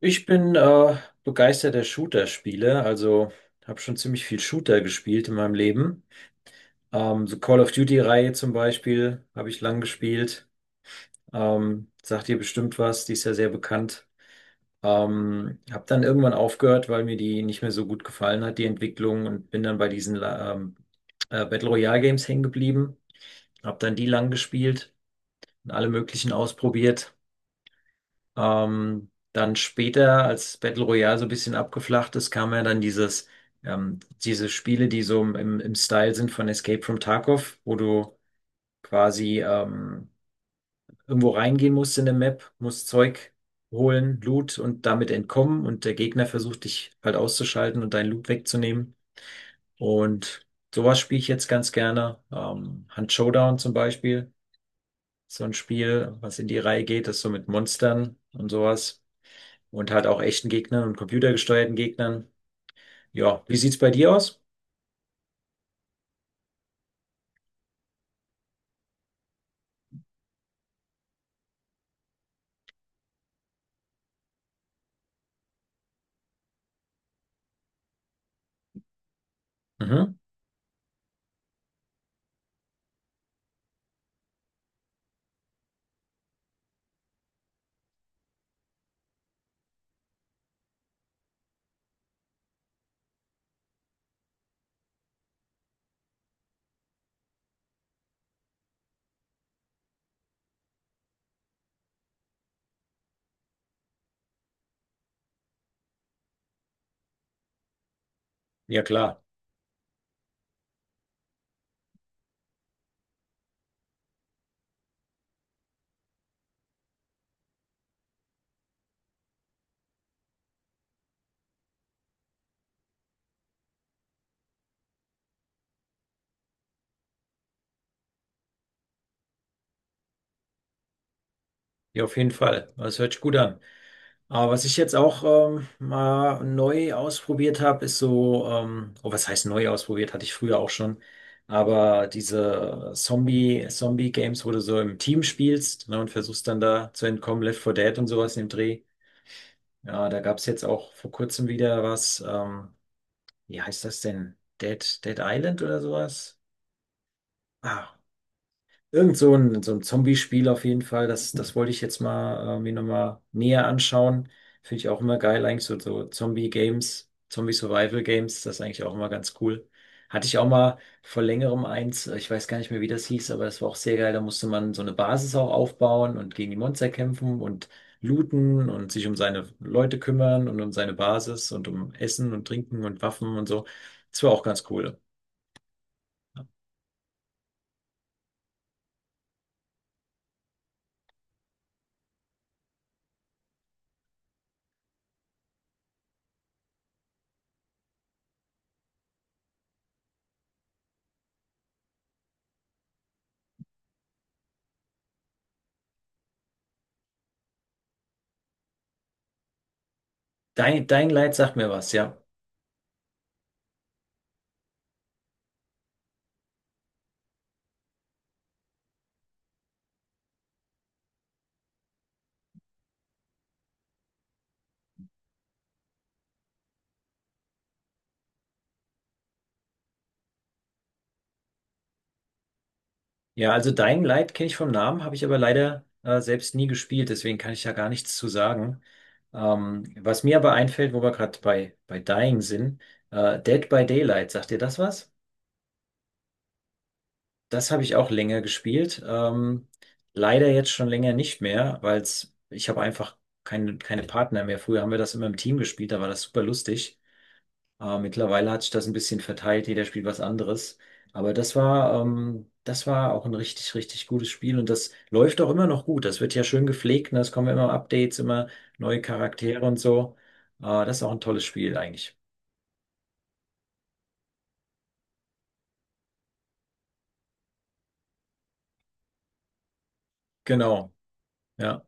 Ich bin begeisterter Shooter-Spieler, also habe schon ziemlich viel Shooter gespielt in meinem Leben. So Call of Duty-Reihe zum Beispiel habe ich lang gespielt. Sagt ihr bestimmt was, die ist ja sehr bekannt. Habe dann irgendwann aufgehört, weil mir die nicht mehr so gut gefallen hat, die Entwicklung, und bin dann bei Battle Royale Games hängen geblieben. Habe dann die lang gespielt und alle möglichen ausprobiert. Dann später, als Battle Royale so ein bisschen abgeflacht ist, kam ja dann diese Spiele, die so im Style sind von Escape from Tarkov, wo du quasi irgendwo reingehen musst in der Map, musst Zeug holen, Loot und damit entkommen, und der Gegner versucht dich halt auszuschalten und deinen Loot wegzunehmen. Und sowas spiele ich jetzt ganz gerne. Hunt Showdown zum Beispiel, so ein Spiel, was in die Reihe geht, das so mit Monstern und sowas, und halt auch echten Gegnern und computergesteuerten Gegnern. Ja, wie sieht's bei dir aus? Mhm. Ja, klar. Ja, auf jeden Fall. Das hört sich gut an. Aber was ich jetzt auch mal neu ausprobiert habe, ist so, oh, was heißt neu ausprobiert? Hatte ich früher auch schon. Aber diese Zombie-Games, wo du so im Team spielst, ne, und versuchst dann da zu entkommen, Left 4 Dead und sowas im Dreh. Ja, da gab's jetzt auch vor kurzem wieder was, wie heißt das denn? Dead Island oder sowas? Ah, irgend so so ein Zombie-Spiel auf jeden Fall. Das wollte ich jetzt mal mir nochmal näher anschauen. Finde ich auch immer geil, eigentlich so Zombie-Games, Zombie-Survival-Games, das ist eigentlich auch immer ganz cool. Hatte ich auch mal vor längerem eins, ich weiß gar nicht mehr, wie das hieß, aber das war auch sehr geil. Da musste man so eine Basis auch aufbauen und gegen die Monster kämpfen und looten und sich um seine Leute kümmern und um seine Basis und um Essen und Trinken und Waffen und so. Das war auch ganz cool. Dein Leid sagt mir was, ja. Ja, also Dying Light kenne ich vom Namen, habe ich aber leider selbst nie gespielt, deswegen kann ich ja gar nichts zu sagen. Was mir aber einfällt, wo wir gerade bei Dying sind, Dead by Daylight, sagt ihr das was? Das habe ich auch länger gespielt. Leider jetzt schon länger nicht mehr, weil ich habe einfach keine Partner mehr. Früher haben wir das immer im Team gespielt, da war das super lustig. Mittlerweile hat sich das ein bisschen verteilt, jeder spielt was anderes. Aber das war auch ein richtig gutes Spiel, und das läuft auch immer noch gut. Das wird ja schön gepflegt, ne? Es kommen immer Updates, immer neue Charaktere und so. Das ist auch ein tolles Spiel eigentlich. Genau, ja.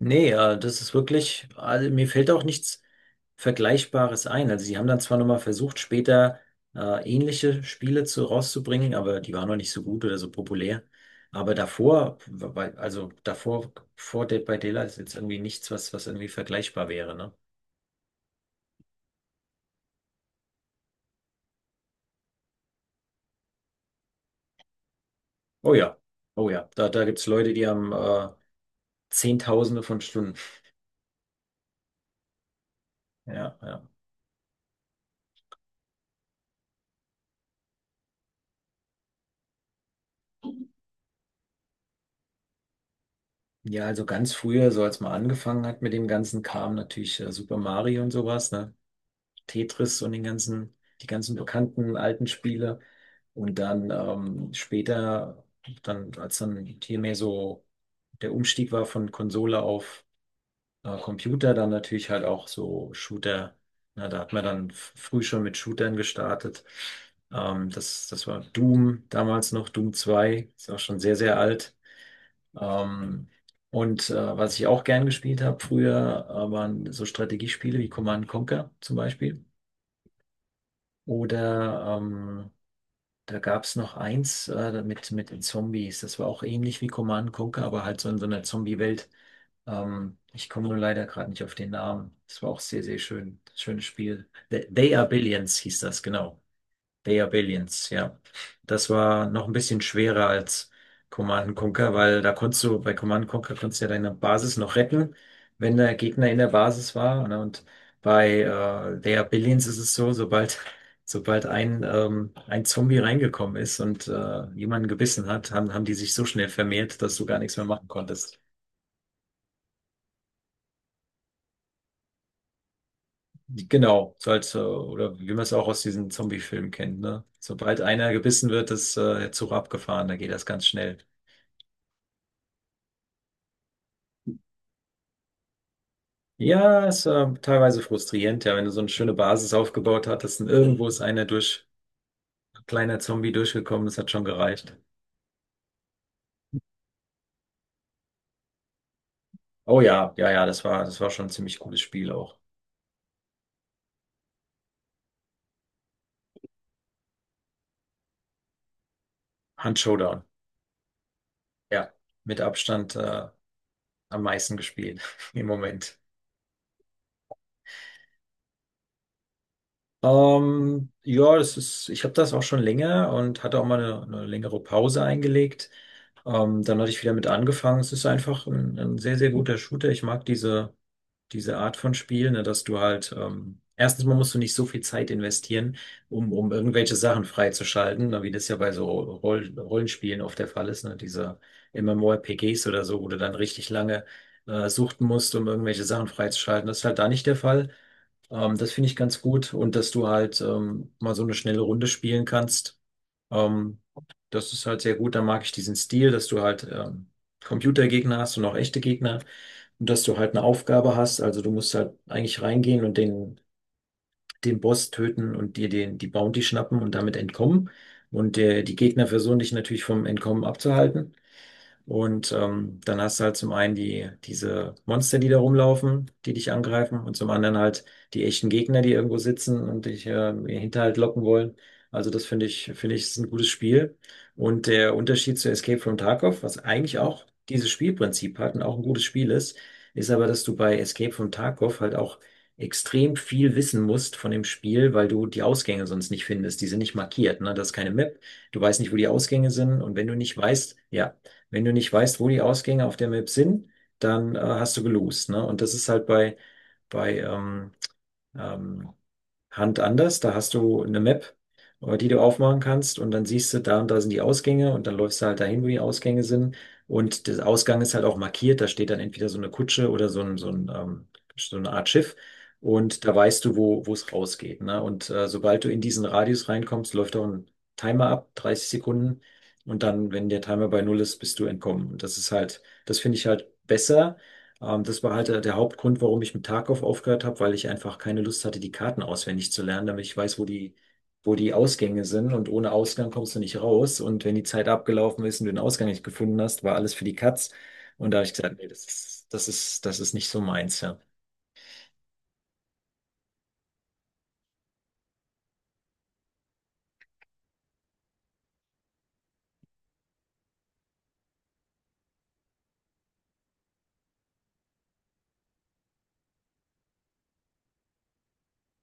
Nee, das ist wirklich, also mir fällt auch nichts Vergleichbares ein. Also sie haben dann zwar nochmal versucht, später ähnliche Spiele rauszubringen, aber die waren noch nicht so gut oder so populär. Aber davor, vor Dead by Daylight ist jetzt irgendwie nichts, was irgendwie vergleichbar wäre, ne? Oh ja, oh ja, da gibt's Leute, die haben Zehntausende von Stunden. Ja, ja. Ja, also ganz früher, so als man angefangen hat mit dem ganzen Kram, natürlich Super Mario und sowas, ne? Tetris und die ganzen bekannten alten Spiele. Und dann später, als dann hier mehr so der Umstieg war von Konsole auf Computer, dann natürlich halt auch so Shooter. Na, da hat man dann früh schon mit Shootern gestartet. Das war Doom, damals noch Doom zwei, ist auch schon sehr, sehr alt. Ähm, und was ich auch gern gespielt habe früher, waren so Strategiespiele wie Command and Conquer zum Beispiel. Oder da gab es noch eins mit den Zombies. Das war auch ähnlich wie Command Conquer, aber halt so in so einer Zombie-Welt. Ich komme nur leider gerade nicht auf den Namen. Das war auch sehr, sehr schön. Schönes Spiel. They Are Billions hieß das, genau. League of Aliens, ja. Das war noch ein bisschen schwerer als Command and Conquer, weil da konntest du, bei Command and Conquer konntest du ja deine Basis noch retten, wenn der Gegner in der Basis war. Ne? Und bei League of Aliens ist es so, sobald, sobald ein Zombie reingekommen ist und jemanden gebissen hat, haben die sich so schnell vermehrt, dass du gar nichts mehr machen konntest. Genau, so oder wie man es auch aus diesen Zombie-Filmen kennt, ne? Sobald einer gebissen wird, ist der Zug abgefahren, da geht das ganz schnell. Ja, es war teilweise frustrierend, ja, wenn du so eine schöne Basis aufgebaut hattest und irgendwo ist einer durch, ein kleiner Zombie durchgekommen, das hat schon gereicht. Oh ja, ja, ja, das war schon ein ziemlich cooles Spiel auch. Hand Showdown, ja, mit Abstand am meisten gespielt im Moment. Ja, das ist, ich habe das auch schon länger und hatte auch mal eine längere Pause eingelegt. Dann hatte ich wieder mit angefangen. Es ist einfach ein sehr, sehr guter Shooter. Ich mag diese Art von Spiel, ne, dass du halt, erstens mal musst du nicht so viel Zeit investieren, um irgendwelche Sachen freizuschalten, ne, wie das ja bei so Rollenspielen oft der Fall ist, ne, diese MMORPGs oder so, wo du dann richtig lange suchten musst, um irgendwelche Sachen freizuschalten. Das ist halt da nicht der Fall. Das finde ich ganz gut, und dass du halt mal so eine schnelle Runde spielen kannst. Ähm, das ist halt sehr gut. Da mag ich diesen Stil, dass du halt Computergegner hast und auch echte Gegner, und dass du halt eine Aufgabe hast. Also du musst halt eigentlich reingehen und den Boss töten und dir die Bounty schnappen und damit entkommen. Und die Gegner versuchen dich natürlich vom Entkommen abzuhalten. Und dann hast du halt zum einen die, diese Monster, die da rumlaufen, die dich angreifen, und zum anderen halt die echten Gegner, die irgendwo sitzen und dich in den Hinterhalt locken wollen. Also das finde ich, ist ein gutes Spiel. Und der Unterschied zu Escape from Tarkov, was eigentlich auch dieses Spielprinzip hat und auch ein gutes Spiel ist, ist aber, dass du bei Escape from Tarkov halt auch extrem viel wissen musst von dem Spiel, weil du die Ausgänge sonst nicht findest. Die sind nicht markiert, ne? Das ist keine Map. Du weißt nicht, wo die Ausgänge sind. Und wenn du nicht weißt, ja, wenn du nicht weißt, wo die Ausgänge auf der Map sind, dann hast du gelost, ne? Und das ist halt bei ähm, Hand anders. Da hast du eine Map, die du aufmachen kannst, und dann siehst du, da und da sind die Ausgänge, und dann läufst du halt dahin, wo die Ausgänge sind. Und der Ausgang ist halt auch markiert. Da steht dann entweder so eine Kutsche oder so eine Art Schiff. Und da weißt du, wo, wo es rausgeht. Ne? Und sobald du in diesen Radius reinkommst, läuft auch ein Timer ab, 30 Sekunden. Und dann, wenn der Timer bei null ist, bist du entkommen. Und das ist halt, das finde ich halt besser, das war halt der Hauptgrund, warum ich mit Tarkov aufgehört habe, weil ich einfach keine Lust hatte, die Karten auswendig zu lernen, damit ich weiß, wo die Ausgänge sind. Und ohne Ausgang kommst du nicht raus. Und wenn die Zeit abgelaufen ist und du den Ausgang nicht gefunden hast, war alles für die Katz. Und da habe ich gesagt, nee, das ist nicht so meins, ja.